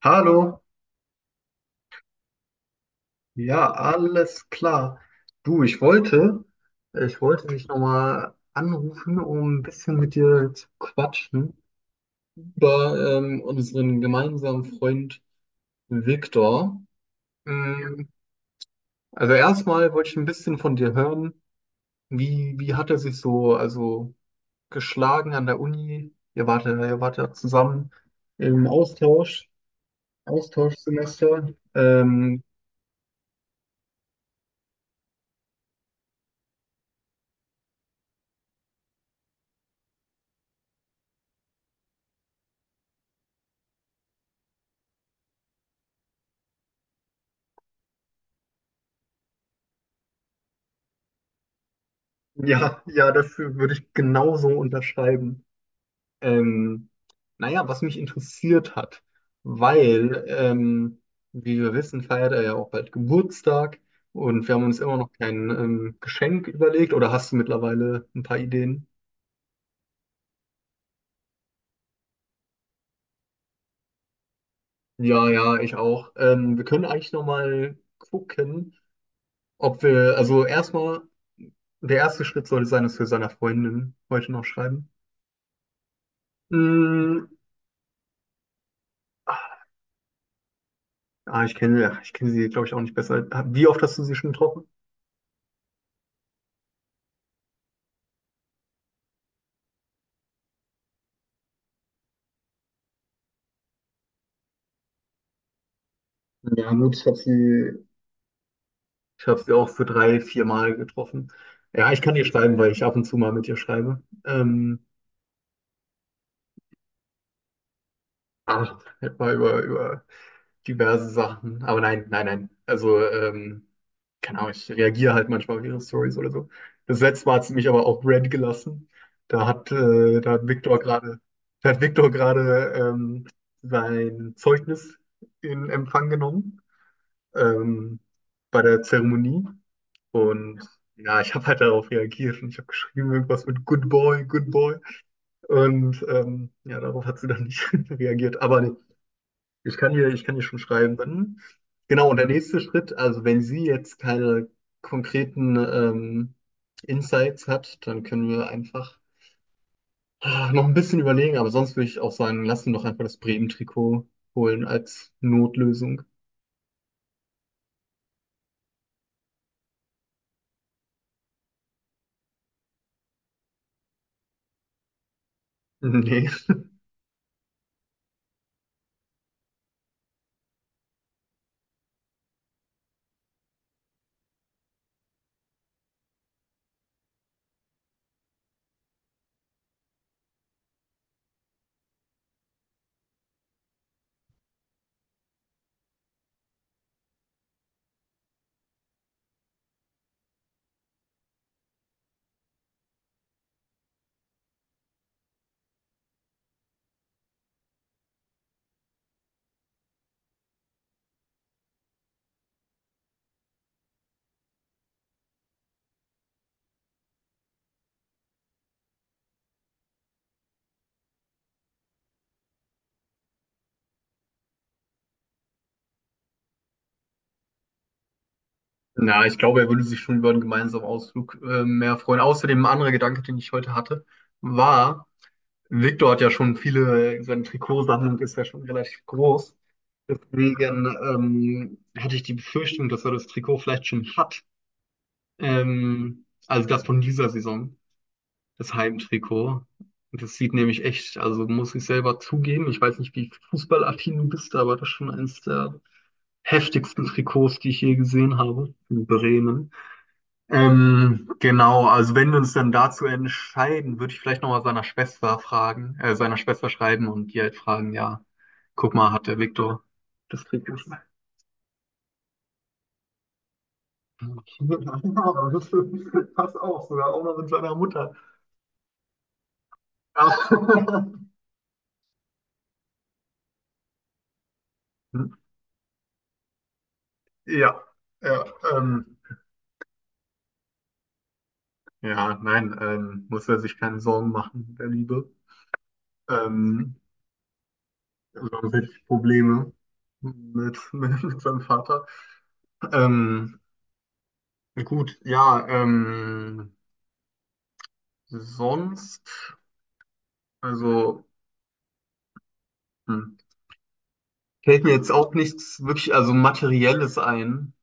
Hallo, ja, alles klar. Du, ich wollte dich nochmal anrufen, um ein bisschen mit dir zu quatschen über unseren gemeinsamen Freund Viktor. Ähm, also erstmal wollte ich ein bisschen von dir hören, wie hat er sich so also geschlagen an der Uni? Ihr wart ja zusammen im Austausch, Austauschsemester. Ähm, ja, ja, das würde ich genauso unterschreiben. Ähm, naja, was mich interessiert hat, weil, ähm, wie wir wissen, feiert er ja auch bald Geburtstag und wir haben uns immer noch kein Geschenk überlegt, oder hast du mittlerweile ein paar Ideen? Ja, ja, ich auch. Wir können eigentlich nochmal gucken, also erstmal, der erste Schritt sollte sein, dass wir seiner Freundin heute noch schreiben. Mm, ich kenne, ja, ich kenne sie, glaube ich, auch nicht besser. Wie oft hast du sie schon getroffen? Ja, gut. Ich habe sie auch für drei, vier Mal getroffen. Ja, ich kann ihr schreiben, weil ich ab und zu mal mit ihr schreibe. Aber halt mal über diverse Sachen. Aber nein, nein, nein. Also, keine Ahnung, ich reagiere halt manchmal auf ihre Stories oder so. Das letzte Mal hat sie mich aber auch red gelassen. Da hat, äh, da hat Viktor gerade, da hat Viktor gerade sein Zeugnis in Empfang genommen. ähm, Bei der Zeremonie. Und ja, ich habe halt darauf reagiert und ich habe geschrieben irgendwas mit Good Boy, Good Boy. Und ja, darauf hat sie dann nicht reagiert. Aber nee, ich kann ihr schon schreiben. Dann. Genau, und der nächste Schritt, also wenn sie jetzt keine konkreten Insights hat, dann können wir einfach noch ein bisschen überlegen. Aber sonst würde ich auch sagen, lass sie doch einfach das Bremen-Trikot holen als Notlösung. Nee. Na, ich glaube, er würde sich schon über einen gemeinsamen Ausflug mehr freuen. Außerdem ein anderer Gedanke, den ich heute hatte, war, Victor hat ja schon viele, seine Trikotsammlung ist ja schon relativ groß. Deswegen hatte ich die Befürchtung, dass er das Trikot vielleicht schon hat. Also das von dieser Saison, das Heimtrikot. Und das sieht nämlich echt, also muss ich selber zugeben, ich weiß nicht, wie fußballaffin du bist, aber das ist schon eines der heftigsten Trikots, die ich je gesehen habe in Bremen. Genau, also wenn wir uns dann dazu entscheiden, würde ich vielleicht nochmal seiner Schwester seiner Schwester schreiben und die halt fragen, ja, guck mal, hat der Viktor das Trikot? Okay, ja, das passt auch, sogar auch noch mit seiner Mutter. Ja, ja, ja, ähm, ja nein, muss er sich keine Sorgen machen, der Liebe. Ähm, Sonst hätte ich Probleme mit, mit seinem Vater. Ähm, Gut, ja, ähm, sonst, also, hm, Fällt mir jetzt auch nichts wirklich, also Materielles ein,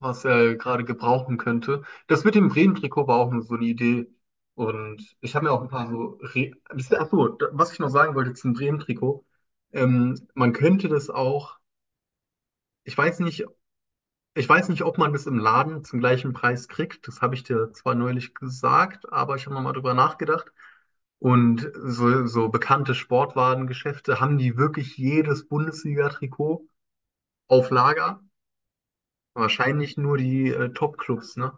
was er gerade gebrauchen könnte. Das mit dem Bremen-Trikot war auch nur so eine Idee. Und ich habe mir auch ein paar so, re ach so, da- was ich noch sagen wollte zum Bremen-Trikot, man könnte das auch, ich weiß nicht, Ich weiß nicht, ob man das im Laden zum gleichen Preis kriegt. Das habe ich dir zwar neulich gesagt, aber ich habe nochmal drüber nachgedacht. Und so, so bekannte Sportwarengeschäfte haben die wirklich jedes Bundesliga-Trikot auf Lager. Wahrscheinlich nur die Top-Clubs, ne?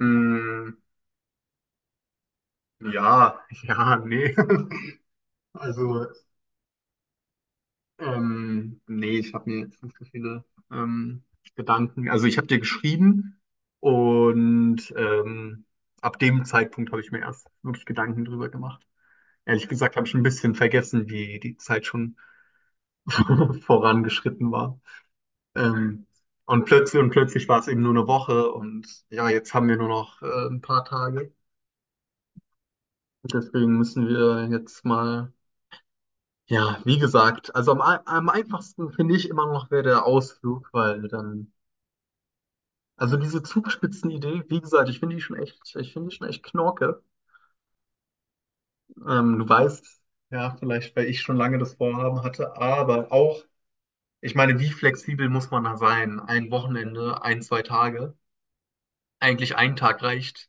Mm, ja, ja, nee. Also nee, ich habe mir jetzt nicht so viele ähm, Gedanken. Also ich habe dir geschrieben und ab dem Zeitpunkt habe ich mir erst wirklich Gedanken drüber gemacht. Ehrlich gesagt habe ich ein bisschen vergessen, wie die Zeit schon vorangeschritten war. Ähm, und plötzlich war es eben nur eine Woche und ja, jetzt haben wir nur noch ein paar Tage. Deswegen müssen wir jetzt mal, ja, wie gesagt, am einfachsten finde ich immer noch wäre der Ausflug, weil dann also diese Zugspitzenidee, wie gesagt, ich finde die schon echt knorke. Du weißt, ja, vielleicht, weil ich schon lange das Vorhaben hatte, aber auch, ich meine, wie flexibel muss man da sein? Ein Wochenende, ein, zwei Tage? Eigentlich ein Tag reicht.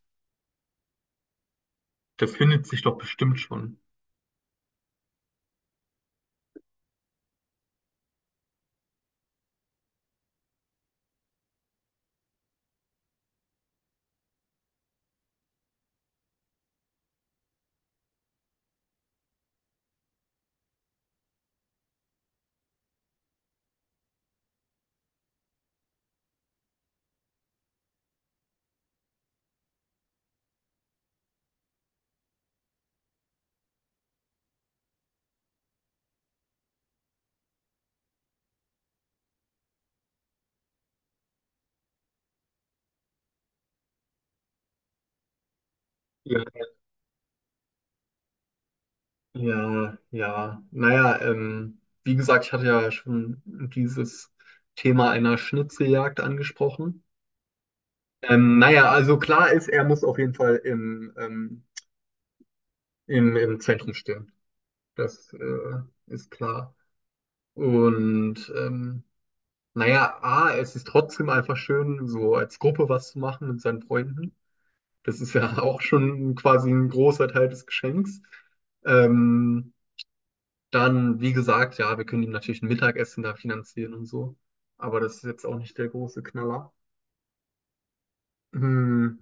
Das findet sich doch bestimmt schon. Ja, ja, ja. Naja, wie gesagt, ich hatte ja schon dieses Thema einer Schnitzeljagd angesprochen. Naja, also klar ist, er muss auf jeden Fall im Zentrum stehen. Das ist klar. Und naja, A, es ist trotzdem einfach schön, so als Gruppe was zu machen mit seinen Freunden. Das ist ja auch schon quasi ein großer Teil des Geschenks. Ähm, Dann, wie gesagt, ja, wir können ihm natürlich ein Mittagessen da finanzieren und so. Aber das ist jetzt auch nicht der große Knaller. Hm,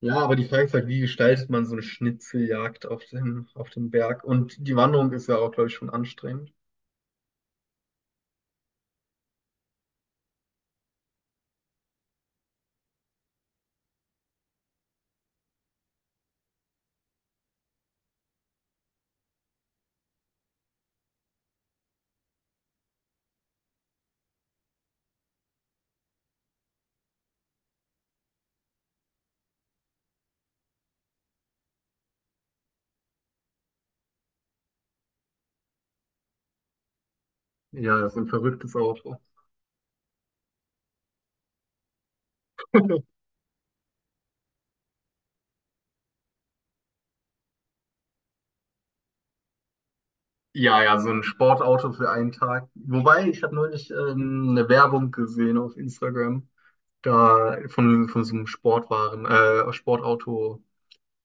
ja, aber die Frage ist halt, wie gestaltet man so eine Schnitzeljagd auf dem Berg? Und die Wanderung ist ja auch, glaube ich, schon anstrengend. Ja, so ein verrücktes Auto. Ja, ja, so ein Sportauto für einen Tag. Wobei, ich habe neulich eine Werbung gesehen auf Instagram, da von so einem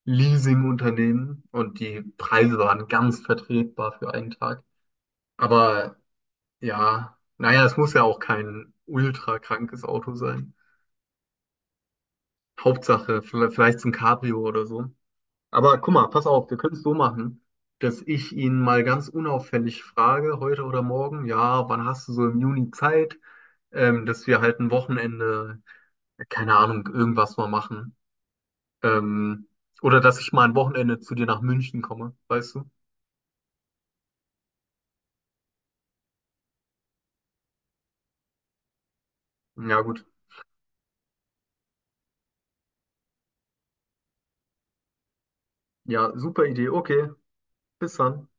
Sportauto-Leasing-Unternehmen und die Preise waren ganz vertretbar für einen Tag. Aber ja, naja, es muss ja auch kein ultra krankes Auto sein. Hauptsache, vielleicht so ein Cabrio oder so. Aber guck mal, pass auf, wir können es so machen, dass ich ihn mal ganz unauffällig frage, heute oder morgen, ja, wann hast du so im Juni Zeit, dass wir halt ein Wochenende, keine Ahnung, irgendwas mal machen. Ähm, oder dass ich mal ein Wochenende zu dir nach München komme, weißt du? Ja, gut. Ja, super Idee. Okay, bis dann.